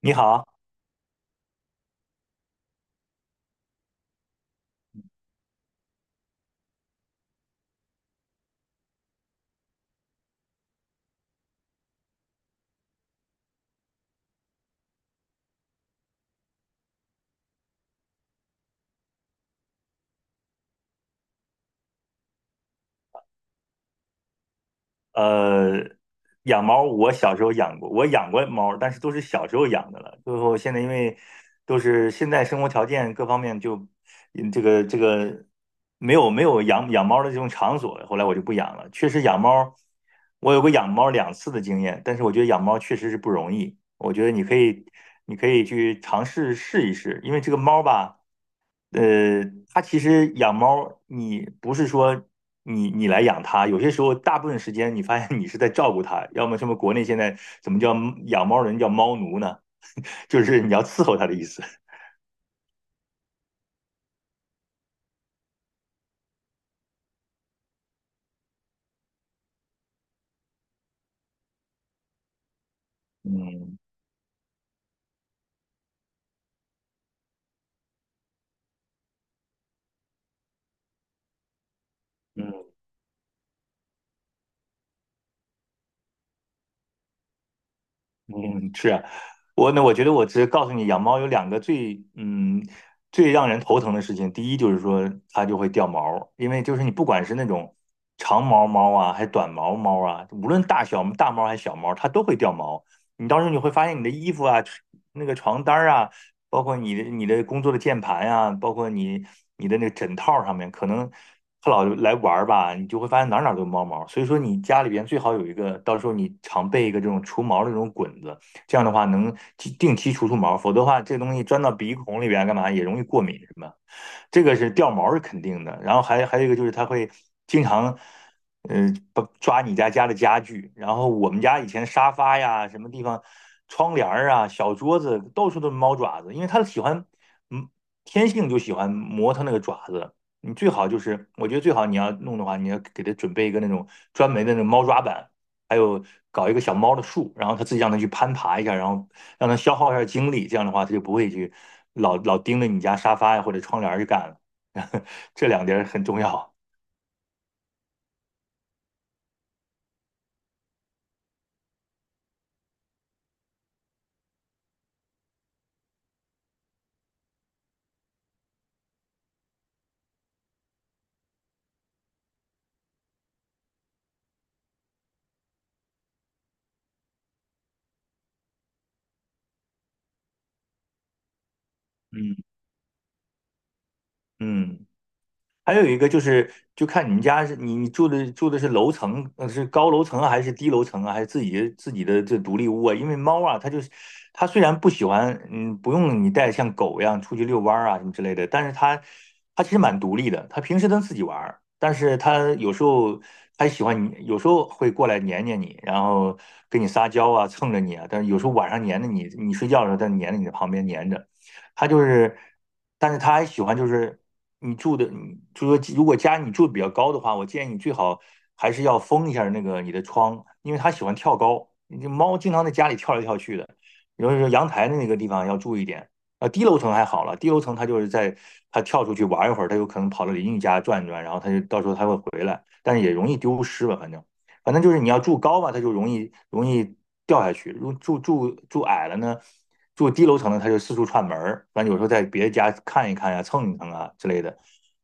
你好，呃，养猫我小时候养过，我养过猫，但是都是小时候养的了。最后现在因为都是现在生活条件各方面就，这个没有养猫的这种场所，后来我就不养了。确实养猫，我有过养猫两次的经验，但是我觉得养猫确实是不容易。我觉得你可以去尝试试一试，因为这个猫吧。呃，它其实养猫，你不是说你来养它，有些时候大部分时间你发现你是在照顾它，要么什么国内现在怎么叫养猫人叫猫奴呢？就是你要伺候它的意思。嗯嗯，嗯，是啊，我呢，我觉得我只是告诉你，养猫有两个最让人头疼的事情。第一就是说它就会掉毛，因为就是你不管是那种长毛猫啊，还短毛猫啊，无论大小大猫还是小猫，它都会掉毛。你到时候你会发现你的衣服啊、那个床单儿啊，包括你的工作的键盘呀，包括你的那个枕套上面，可能它老来玩儿吧，你就会发现哪儿哪儿都有猫毛。所以说，你家里边最好有一个，到时候你常备一个这种除毛的这种滚子，这样的话能定期除除毛，否则的话，这东西钻到鼻孔里边干嘛也容易过敏什么。这个是掉毛是肯定的。然后还有一个就是它会经常，把抓你家的家具。然后我们家以前沙发呀、什么地方、窗帘儿啊、小桌子到处都是猫爪子，因为它喜欢，嗯，天性就喜欢磨它那个爪子。你最好就是，我觉得最好你要弄的话，你要给它准备一个那种专门的那种猫抓板，还有搞一个小猫的树，然后它自己让它去攀爬一下，然后让他消耗一下精力，这样的话他就不会去老盯着你家沙发呀或者窗帘儿去干了。这两点儿很重要。嗯嗯。还有一个就是，就看你们家是你住的是楼层，是高楼层啊，还是低楼层啊，还是自己的这独立屋啊？因为猫啊，它就是它虽然不喜欢，不用你带像狗一样出去遛弯儿啊什么之类的，但是它其实蛮独立的，它平时能自己玩儿，但是它有时候它喜欢你，有时候会过来黏黏你，然后跟你撒娇啊，蹭着你啊，但是有时候晚上黏着你，你睡觉的时候它黏着你的旁边黏着，他就是，但是他还喜欢就是你住的，你就说如果家你住的比较高的话，我建议你最好还是要封一下那个你的窗，因为它喜欢跳高，你这猫经常在家里跳来跳去的，尤其是阳台的那个地方要注意一点。啊，低楼层还好了，低楼层它就是在它跳出去玩一会儿，它有可能跑到邻居家转一转，然后它就到时候它会回来，但是也容易丢失吧，反正。反正就是你要住高嘛，它就容易掉下去；如住住住矮了呢，住低楼层的它就四处串门儿，反正有时候在别的家看一看呀、蹭一蹭啊之类的。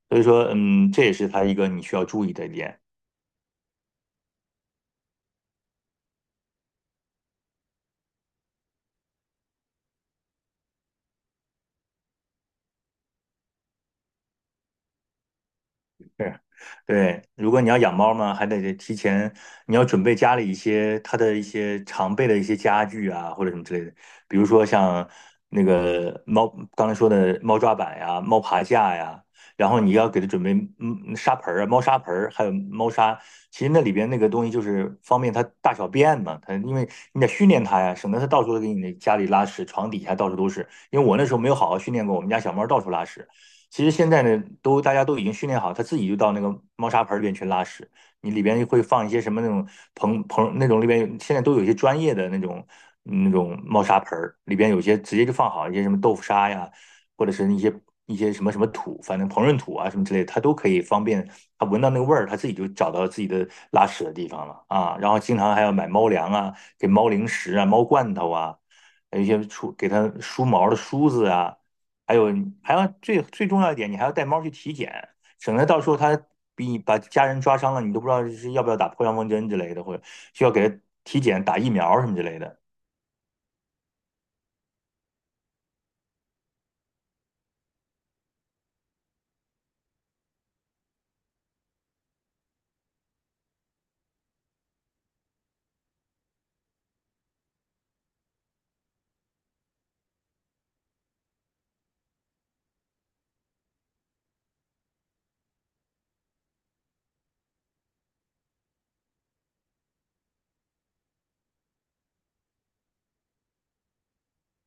所以说，这也是它一个你需要注意的点。是，对，如果你要养猫呢，还得提前，你要准备家里一些它的一些常备的一些家具啊，或者什么之类的，比如说像那个猫刚才说的猫抓板呀、猫爬架呀，然后你要给它准备沙盆儿啊、猫砂盆儿，还有猫砂。其实那里边那个东西就是方便它大小便嘛，它因为你得训练它呀，省得它到处都给你那家里拉屎，床底下到处都是。因为我那时候没有好好训练过，我们家小猫到处拉屎。其实现在呢，都大家都已经训练好，它自己就到那个猫砂盆里边去拉屎。你里边会放一些什么那种那种里边现在都有一些专业的那种猫砂盆儿，里边有些直接就放好一些什么豆腐砂呀，或者是一些什么什么土，反正膨润土啊什么之类的它都可以方便它闻到那个味儿，它自己就找到自己的拉屎的地方了啊。然后经常还要买猫粮啊，给猫零食啊，猫罐头啊，还有一些给它梳毛的梳子啊。还有你还要最重要一点，你还要带猫去体检，省得到时候它比你把家人抓伤了，你都不知道是要不要打破伤风针之类的，或者需要给它体检打疫苗什么之类的。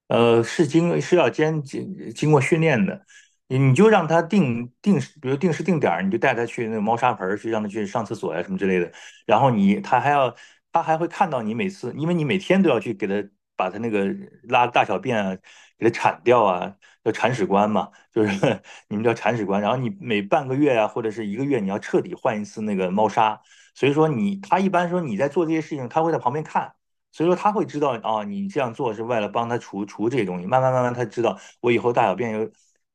是要经过训练的，你就让他定时，比如定时定点儿，你就带他去那个猫砂盆儿去，让他去上厕所呀、什么之类的。然后你他还要他还会看到你每次，因为你每天都要去给他把他那个拉大小便啊，给他铲掉啊，叫铲屎官嘛，就是 你们叫铲屎官。然后你每半个月啊，或者是一个月，你要彻底换一次那个猫砂。所以说你他一般说你在做这些事情，他会在旁边看。所以说他会知道啊，你这样做是为了帮他除除这些东西。慢慢慢慢，他知道我以后大小便有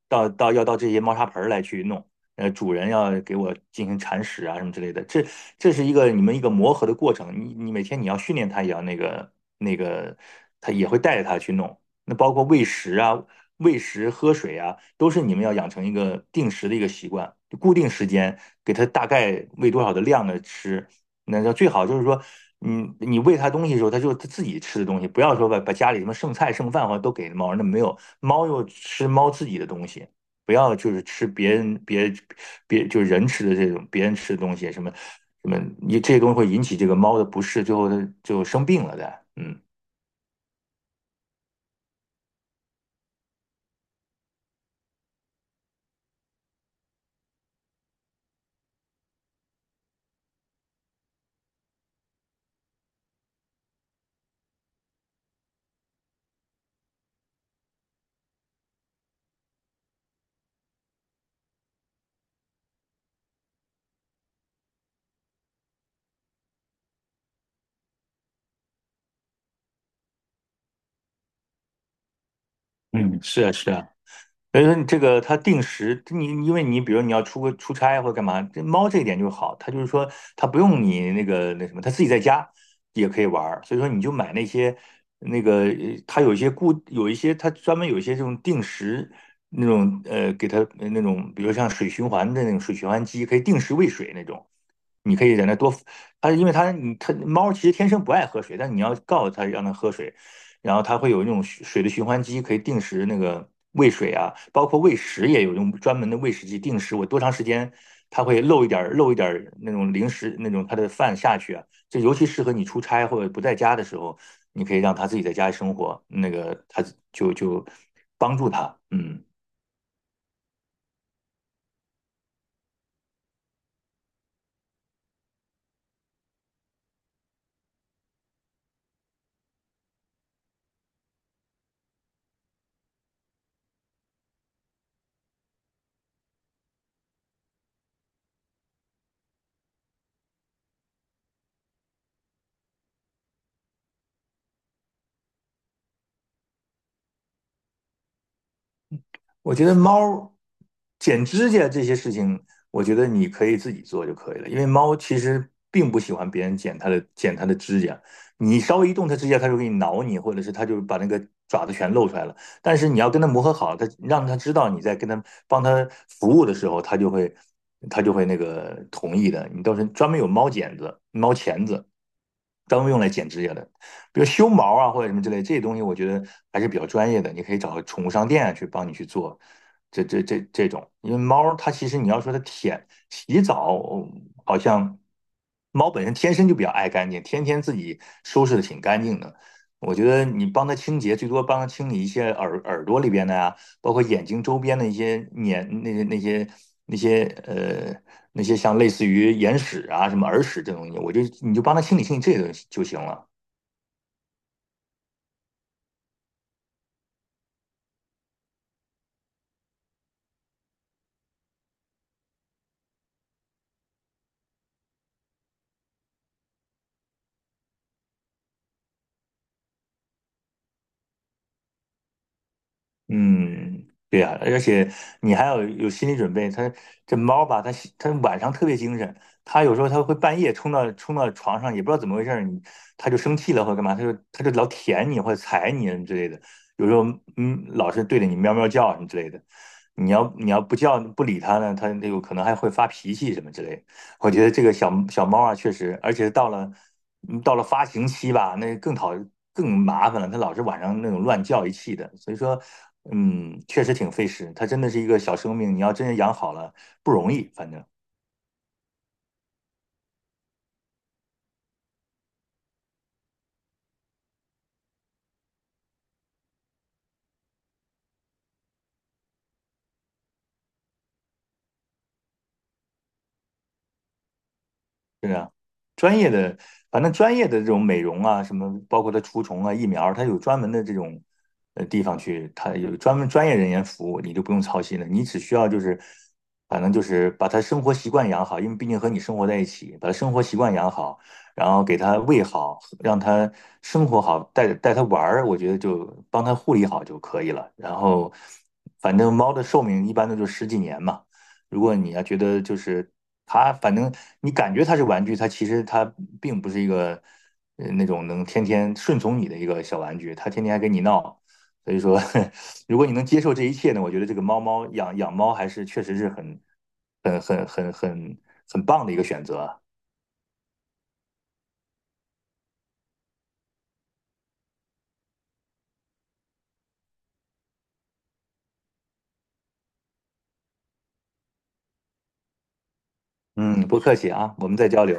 要到这些猫砂盆来去弄，主人要给我进行铲屎啊什么之类的。这是一个你们一个磨合的过程。你每天你要训练它，也要那个，他也会带着他去弄。那包括喂食啊、喝水啊，都是你们要养成一个定时的一个习惯，就固定时间给他大概喂多少的量的吃，那就最好就是说，你喂它东西的时候，它就它自己吃的东西，不要说把家里什么剩菜剩饭或者都给猫，那没有，猫又吃猫自己的东西，不要就是吃别人别别就是人吃的这种别人吃的东西，什么什么，你这些东西会引起这个猫的不适，最后它就生病了的。嗯，嗯，是啊，是啊。所以说你这个它定时，你因为你比如你要出差或者干嘛，这猫这一点就好，它就是说它不用你那个那什么，它自己在家也可以玩儿。所以说你就买那些那个，它有一些有一些它专门有一些这种定时那种给它那种，比如像水循环的那种水循环机，可以定时喂水那种。你可以在那多，它因为它你它猫其实天生不爱喝水，但你要告诉它让它喝水，然后它会有那种水的循环机，可以定时那个喂水啊，包括喂食也有用专门的喂食机定时，我多长时间它会漏一点儿那种零食那种它的饭下去啊，这尤其适合你出差或者不在家的时候，你可以让它自己在家里生活，那个它就帮助它，嗯。我觉得猫剪指甲这些事情，我觉得你可以自己做就可以了，因为猫其实并不喜欢别人剪它的指甲，你稍微一动它指甲，它就给你挠你，或者是它就把那个爪子全露出来了。但是你要跟它磨合好，它让它知道你在跟它帮它服务的时候，它就会那个同意的。你到时候专门有猫剪子、猫钳子，专门用来剪指甲的。比如修毛啊或者什么之类，这些东西我觉得还是比较专业的，你可以找个宠物商店啊去帮你去做这种，因为猫它其实你要说它舔洗澡，好像猫本身天生就比较爱干净，天天自己收拾的挺干净的。我觉得你帮它清洁，最多帮它清理一些耳朵里边的呀、包括眼睛周边的一些粘那些呃那些像类似于眼屎啊什么耳屎这种东西，我就你就帮它清理清理这些东西就行了。嗯，对呀，而且你还要有心理准备。它这猫吧，它晚上特别精神，它有时候它会半夜冲到床上，也不知道怎么回事儿，你它就生气了或者干嘛，它就老舔你或者踩你之类的。有时候老是对着你喵喵叫什么之类的。你要不叫不理它呢，它有可能还会发脾气什么之类的。我觉得这个小猫啊，确实，而且到了发情期吧，那更麻烦了，它老是晚上那种乱叫一气的，所以说，确实挺费时。它真的是一个小生命，你要真是养好了不容易，反正。是啊，专业的，反正专业的这种美容啊，什么包括它除虫啊、疫苗，它有专门的这种地方去，它有专门专业人员服务，你就不用操心了。你只需要就是，反正就是把它生活习惯养好，因为毕竟和你生活在一起，把它生活习惯养好，然后给它喂好，让它生活好，带带它玩儿，我觉得就帮它护理好就可以了。然后，反正猫的寿命一般都就十几年嘛。如果你要觉得就是它，反正你感觉它是玩具，它其实它并不是一个那种能天天顺从你的一个小玩具，它天天还跟你闹。所以说，如果你能接受这一切呢，我觉得这个猫猫养养猫还是确实是很很很很很棒的一个选择。嗯，不客气啊，我们再交流。